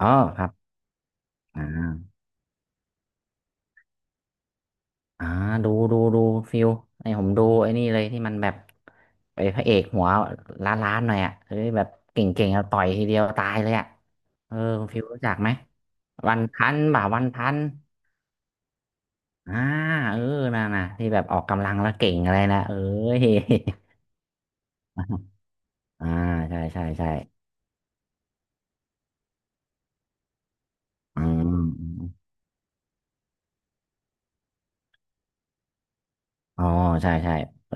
อ๋อครับอ่าอ่าดูดูดูฟิลไอ้ผมดูไอ้นี่เลยที่มันแบบไอ้พระเอกหัวล้านล้านหน่อยอ่ะเฮ้ยแบบเก่งๆเอาต่อยทีเดียวตายเลยอ่ะเออคุณฟิลรู้จักไหมวันพันบ่าวันพันอ่าเออน่ะน่ะที่แบบออกกำลังแล้วเก่งอะไรนะเอ้ย อ่าใช่ใช่ใช่อืมอมอ๋อใช่ใช่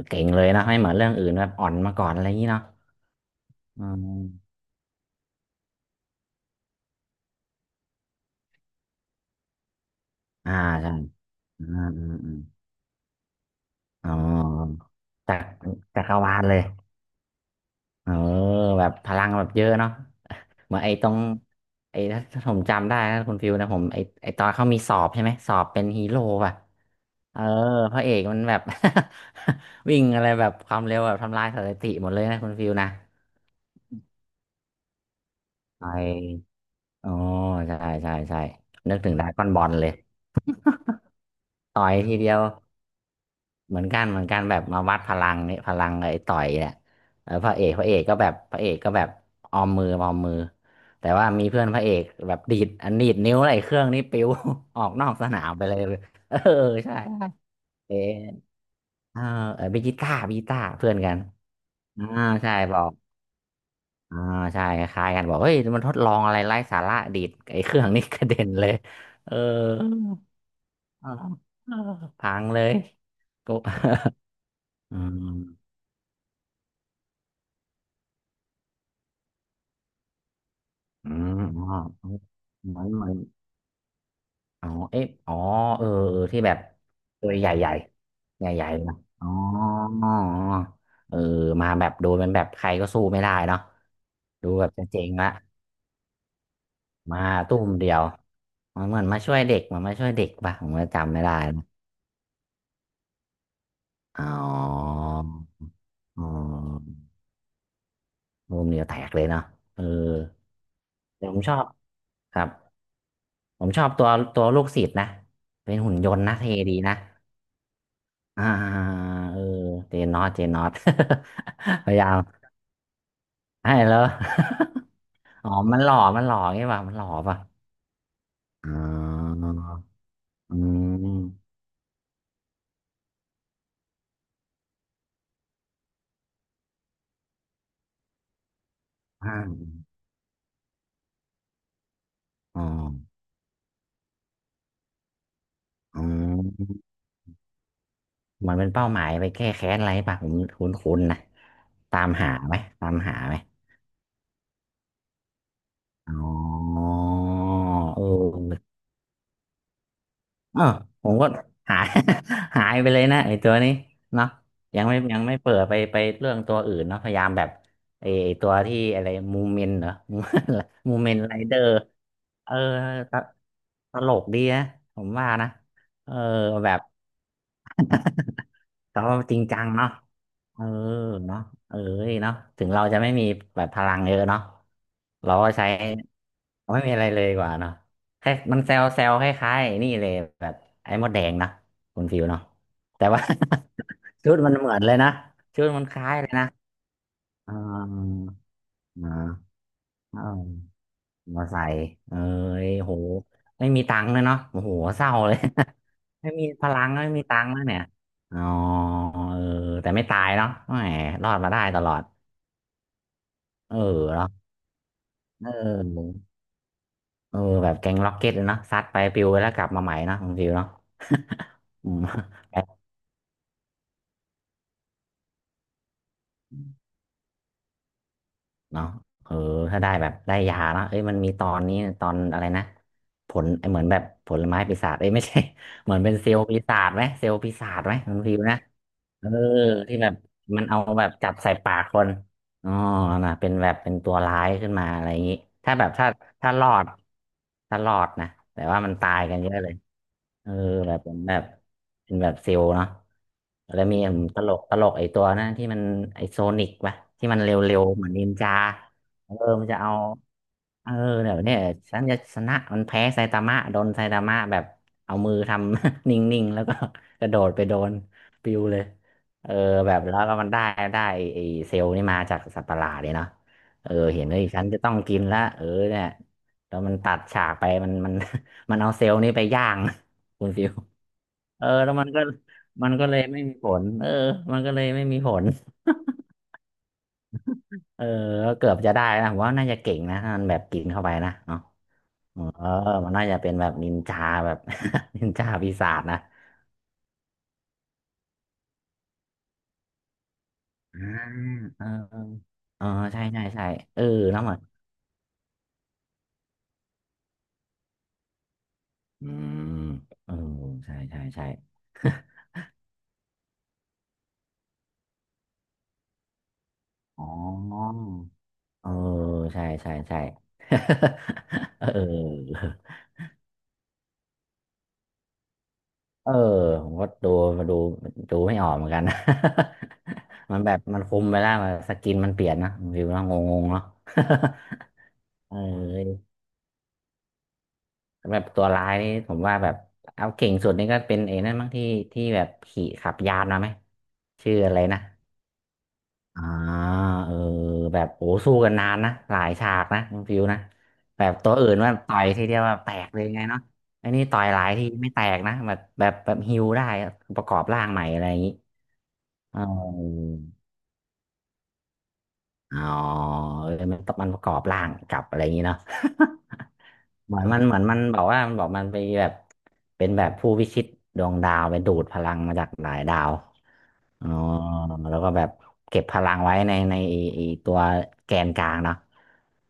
เก่งเลยนะไม่เหมือนเรื่องอื่นแบบอ่อนมาก่อนอะไรอย่างนี้เนาะอืมอ่าใช่อ่าอืม อ๋อจากจักรวาลเลยเออแบบพลังแบบเยอะเนาะ เหมือนไอ้ตรงไอ้ถ้าผมจำได้นะคุณฟิวนะผมไอ้ตอนเขามีสอบใช่ไหมสอบเป็นฮีโร่ป่ะเออพระเอกมันแบบ วิ่งอะไรแบบความเร็วแบบทำลายสถิติหมดเลยนะคุณฟิวนะไออ๋อใช่ใช่ใช่นึกถึงดราก้อนบอลเลยต่อยทีเดียว เหมือนกันเหมือนกันแบบมาวัดพลังนี่พลังไอ้ต่อยแหละเออพระเอกพระเอกก็แบบพระเอกก็แบบออมมือออมมือแต่ว่ามีเพื่อนพระเอกแบบดีดอันดีดนิ้วอะไรเครื่องนี้ปิว ออกนอกสนามไปเลยเออใช่เอเออเออบิจิต้าบิจิต้าเพื่อนกันอ่าใช่บอกอ่าใช่คล้ายๆกันบอกเฮ้ยมันทดลองอะไรไร้สาระดีดไอ้เครื่องนี้กระเด็นเลยเออเออเออพังเลยก็ อืม อืมอ๋อเหมือนเหมือนอ๋อเอ๊ะอ๋อเออเออที่แบบตัวใหญ่ใหญ่ใหญ่ใหญ่ๆนะอ๋อเออมาแบบโดนมันแบบใครก็สู้ไม่ได้เนาะดูแบบจะเจ๊งละมาตุ้มเดียวมันเหมือนมาช่วยเด็กมันมาช่วยเด็กป่ะผมก็จำไม่ได้นะอ๋ออ๋อตุ้มเดียวแตกเลยเนาะเออแต่ผมชอบครับผมชอบตัวตัวลูกศิษย์นะเป็นหุ่นยนต์นะเท่ดีนะ อ่าเออเจนนอตเจนนอต พยายามให้แล้ว อ๋อมันหล่อมันหล่อไงวะมันหล่อป่ะอ๋ออืมอ่าอ๋ออืมเหมือนเป็นเป้าหมายไปแก้แค้นอะไรป่ะผมคุ้นคุ้นๆนะตามหาไหมตามหาไหมอ๋อเออ อ้าวผมก็หาย หายไปเลยนะไอ้ตัวนี้เนาะยังไม่เปิดไปไปเรื่องตัวอื่นเนาะพยายามแบบไอ้ตัวที่อะไรมูเมนเหรอ มูเมนไรเดอร์ เออตตลกดีนะผมว่านะเออแบบ แต่ว่าจริงจังเนาะเออเนาะเอ้ยเนาะถึงเราจะไม่มีแบบพลังเยอะเนาะเราก็ใช้เราไม่มีอะไรเลยดีกว่าเนาะแค่มันเซลเซลคล้ายๆไอ้นี่เลยแบบไอ้มดแดงนะคุณฟิวเนาะแต่ว่า ชุดมันเหมือนเลยนะชุดมันคล้ายเลยนะอ่าอ่า มาใส่เอ้ยโหไม่มีตังค์เลยเนาะโอ้โหเศร้าเลย ไม่มีพลังไม่มีตังค์แล้วเนี่ยอ๋อเออแต่ไม่ตายเนาะแหมรอดมาได้ตลอดเออเนาะเออเออแบบแก๊งล็อกเก็ตเลยเนาะซัดไปปิวไปแล้วกลับมาใหม่เนาะคุณฟิวเนาะ อืม แบบเนาะเออถ้าได้แบบได้ยาเนาะเอ้ยมันมีตอนนี้ตอนอะไรนะผลเหมือนแบบผลไม้ปีศาจเอ้ยไม่ใช่ เหมือนเป็นเซลล์ปีศาจไหมเซลล์ปีศาจไหมคุณฟิวนะ เออที่แบบมันเอาแบบจับใส่ปากคนอ๋อนะเป็นแบบเป็นตัวร้ายขึ้นมาอะไรอย่างนี้ถ้าแบบถ้าถ้ารอดถ้ารอดนะแต่ว่ามันตายกันเยอะเลยเออแบบเป็นแบบเป็นแบบซิลเนาะแล้วมีผมตลกตลกไอ้ตัวนะที่มันไอ้โซนิกปะที่มันเร็วๆเหมือนนินจาเออมันจะเอา เออเดี๋ยวเนี่ยฉันจะชนะมันแพ้ไซตามะโดนไซตามะแบบเอามือทำ นิ่งๆแล้วก็ กระโดดไปโดนปิวเลยเออแบบแล้วก็มันได้ไอ้เซลล์นี่มาจากสัตว์ประหลาดเลยเนาะเออเห็นเลยฉันจะต้องกินละเออเนี่ยแล้วมันตัดฉากไปมัน มันเอาเซลล์นี่ไปย่าง คุณฟิวเออแล้วมันก็เลยไม่มีผลเออมันก็เลยไม่มีผลเออก็เกือบจะได้นะผมว่าน่าจะเก่งนะถ้ามันแบบกินเข้าไปนะ เออมันน่าจะเป็นแบบนินจาแบบ นินจาปีศาจนะอ่าเออเออใช่ใช่ใช่เออเน้ามันอืมเออใช่ใช่ใช่ อ๋อ เออ ใช่ใช่ใช่ เออ เออ ผมก็ดูมาดูดูไม่ออกเหมือนกันนะ มันแบบมันคุมไปแล้วมันสกินมันเปลี่ยนนะวิวแลาวงงๆเนาะ เออ แบบตัวร้ายนี่ผมว่าแบบเอาเก่งสุดนี่ก็เป็นไอ้นั่นบางที่ที่แบบขี่ขับยานมาไหมชื่ออะไรนะอ่าเออแบบโอ้สู้กันนานนะหลายฉากนะคุณฟิวนะแบบตัวอื่นว่าต่อยทีเดียวแบบแตกเลยไงเนาะอันนี้ต่อยหลายทีไม่แตกนะแบบฮิวได้อะประกอบร่างใหม่อะไรอย่างนี้เอ๋ออ๋อเออมันประกอบร่างกลับอะไรอย่างนี้เนาะ เหมือนมันบอกว่ามันบอกมันไปแบบเป็นแบบผู้พิชิตดวงดาวไปดูดพลังมาจากหลายดาวอ๋อแล้วก็แบบเก็บพลังไว้ในไอ้ตัวแกนกลางเนาะ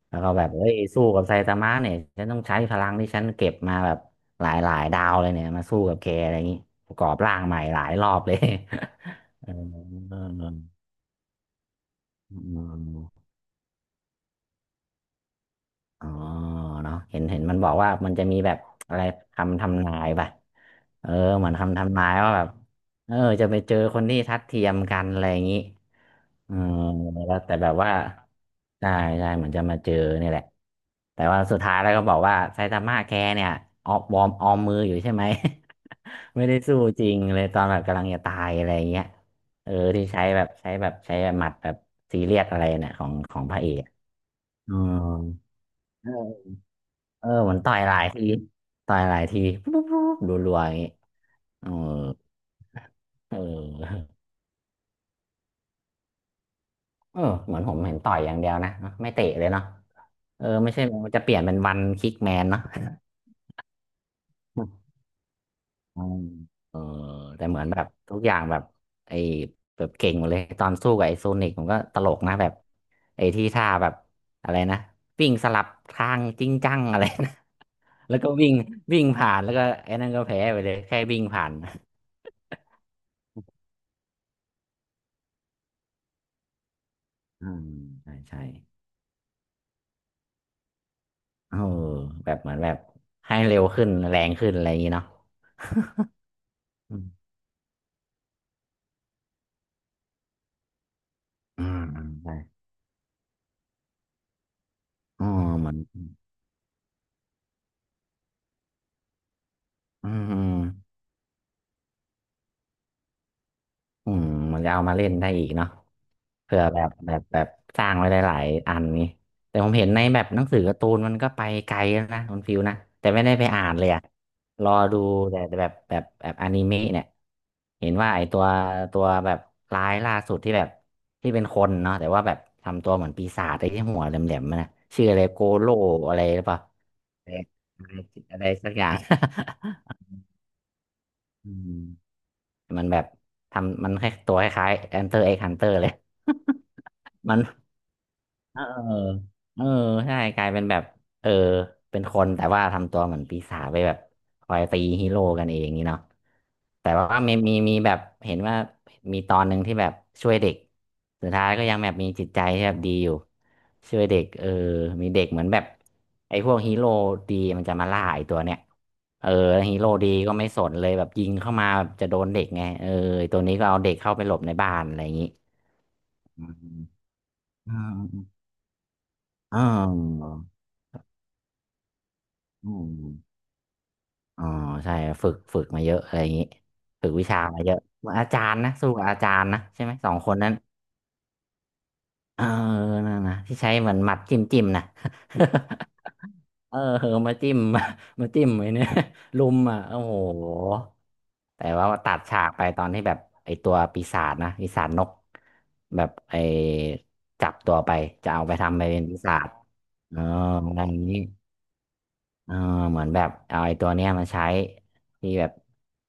แล้วก็แบบเฮ้ยสู้กับไซตามะเนี่ยฉันต้องใช้พลังที่ฉันเก็บมาแบบหลายดาวเลยเนี่ยมาสู้กับแกอะไรอย่างนี้ประกอบร่างใหม่หลายรอบเลย เออ อ๋อเนาะเห็นมันบอกว่ามันจะมีแบบอะไรคำทำนายป่ะเออเหมือนคำทำนายว่าแบบเออจะไปเจอคนที่ทัดเทียมกันอะไรอย่างนี้เออแล้วแต่แบบว่าใช่ใช่เหมือนจะมาเจอนี่แหละแต่ว่าสุดท้ายแล้วก็บอกว่าไซตามะแกเนี่ยออกวอร์มออมมืออยู่ใช่ไหม ไม่ได้สู้จริงเลยตอนแบบกำลังจะตายอะไรอย่างเงี้ยเออที่ใช้หมัดแบบซีเรียสอะไรเนี่ยของพระเอกอืมเออ เออเหมือนต่อยหลายทีต่อยหลายทีปุ๊บปุ๊บปุ๊บรัวๆอย่างงี้เออเออเออเหมือนผมเห็นต่อยอย่างเดียวนะไม่เตะเลยเนาะเออไม่ใช่มันจะเปลี่ยนเป็นวันคิกแมนเนาะ อืมเออแต่เหมือนแบบทุกอย่างแบบไอ้แบบเก่งหมดเลยตอนสู้กับไอ้โซนิกผมก็ตลกนะแบบไอ้ที่ท่าแบบอะไรนะวิ่งสลับทางจริงจังอะไรนะ แล้วก็วิ่งวิ่งผ่านแล้วก็ไอ้นั่นก็แพ้ไปเลยแค่วิ่งผ่าน อืมใช่ใช่ เออแบบเหมือนแบบให้เร็วขึ้นแรงขึ้นอะไรอย่างนี้เนาะอืมอืมใช่อ๋อเหมือนอืมอืมอืมเหมือนจะเอามาเล่นได้อีกเนาะเผื่อแบบสร้างไว้หลายๆอันนี้แต่ผมเห็นในแบบหนังสือการ์ตูนมันก็ไปไกลแล้วนะคุณฟิวนะแต่ไม่ได้ไปอ่านเลยอะรอดูแต่แบบอนิเมะเนี่ยเห็นว่าไอตัวแบบร้ายล่าสุดที่แบบที่เป็นคนเนาะแต่ว่าแบบทำตัวเหมือนปีศาจไอ้ที่หัวแหลมๆมันนะชื่ออะไรโกโลอะไรหรือเปล่า อะไรอะไรสักอย่าง อืมมันแบบทำมันแค่ตัวคล้ายๆ Enter X Hunter เลย มัน เออเออใช่กลายเป็นแบบ เออเป็นคนแต่ว่าทำตัวเหมือนปีศาจไปแบบคอยตีฮีโร่กันเองนี่เนาะแต่ว่ามีแบบเห็นว่ามีตอนหนึ่งที่แบบช่วยเด็กสุดท้ายก็ยังแบบมีจิตใจที่แบบดีอยู่ช่วยเด็กเออมีเด็กเหมือนแบบไอ้พวกฮีโร่ดีมันจะมาล่าไอ้ตัวเนี้ยเออแล้วฮีโร่ดีก็ไม่สนเลยแบบยิงเข้ามาแบบจะโดนเด็กไงเออไอ้ตัวนี้ก็เอาเด็กเข้าไปหลบในบ้านอะไรอย่างนี้อืมอืมอืม อืมอ๋อใช่ฝึกมาเยอะอะไรอย่างนี้ฝึกวิชามาเยอะเหมือนอาจารย์นะสู้กับอาจารย์นะใช่ไหมสองคนนั้นเออนั่นนะที่ใช้เหมือนหมัดจิ้มจิ้มนะ เออเออมาจิ้ม มาจิ้มไว้เนี่ย ลุมอ่ะโอ้โหแต่ว่าตัดฉากไปตอนที่แบบไอตัวปีศาจนะปีศาจนกแบบไอจับตัวไปจะเอาไปทำไปเป็นปีศาจเอออะไรอย่างนี้ เออเหมือนแบบเอาไอ้ตัวเนี้ยมาใช้ที่แบบ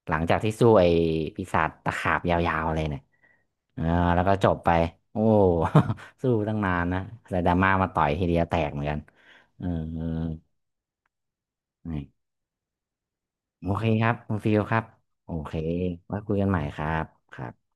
หลังจากที่สู้ไอ้ปีศาจตะขาบยาวๆเลยเนี่ยเออแล้วก็จบไปโอ้ สู้ตั้งนานนะแต่ดราม่ามาต่อยทีเดียวแตกเหมือนกันเออเออนี่โอเคครับคุณฟิลครับโอเคไว้คุยกันใหม่ครับครับ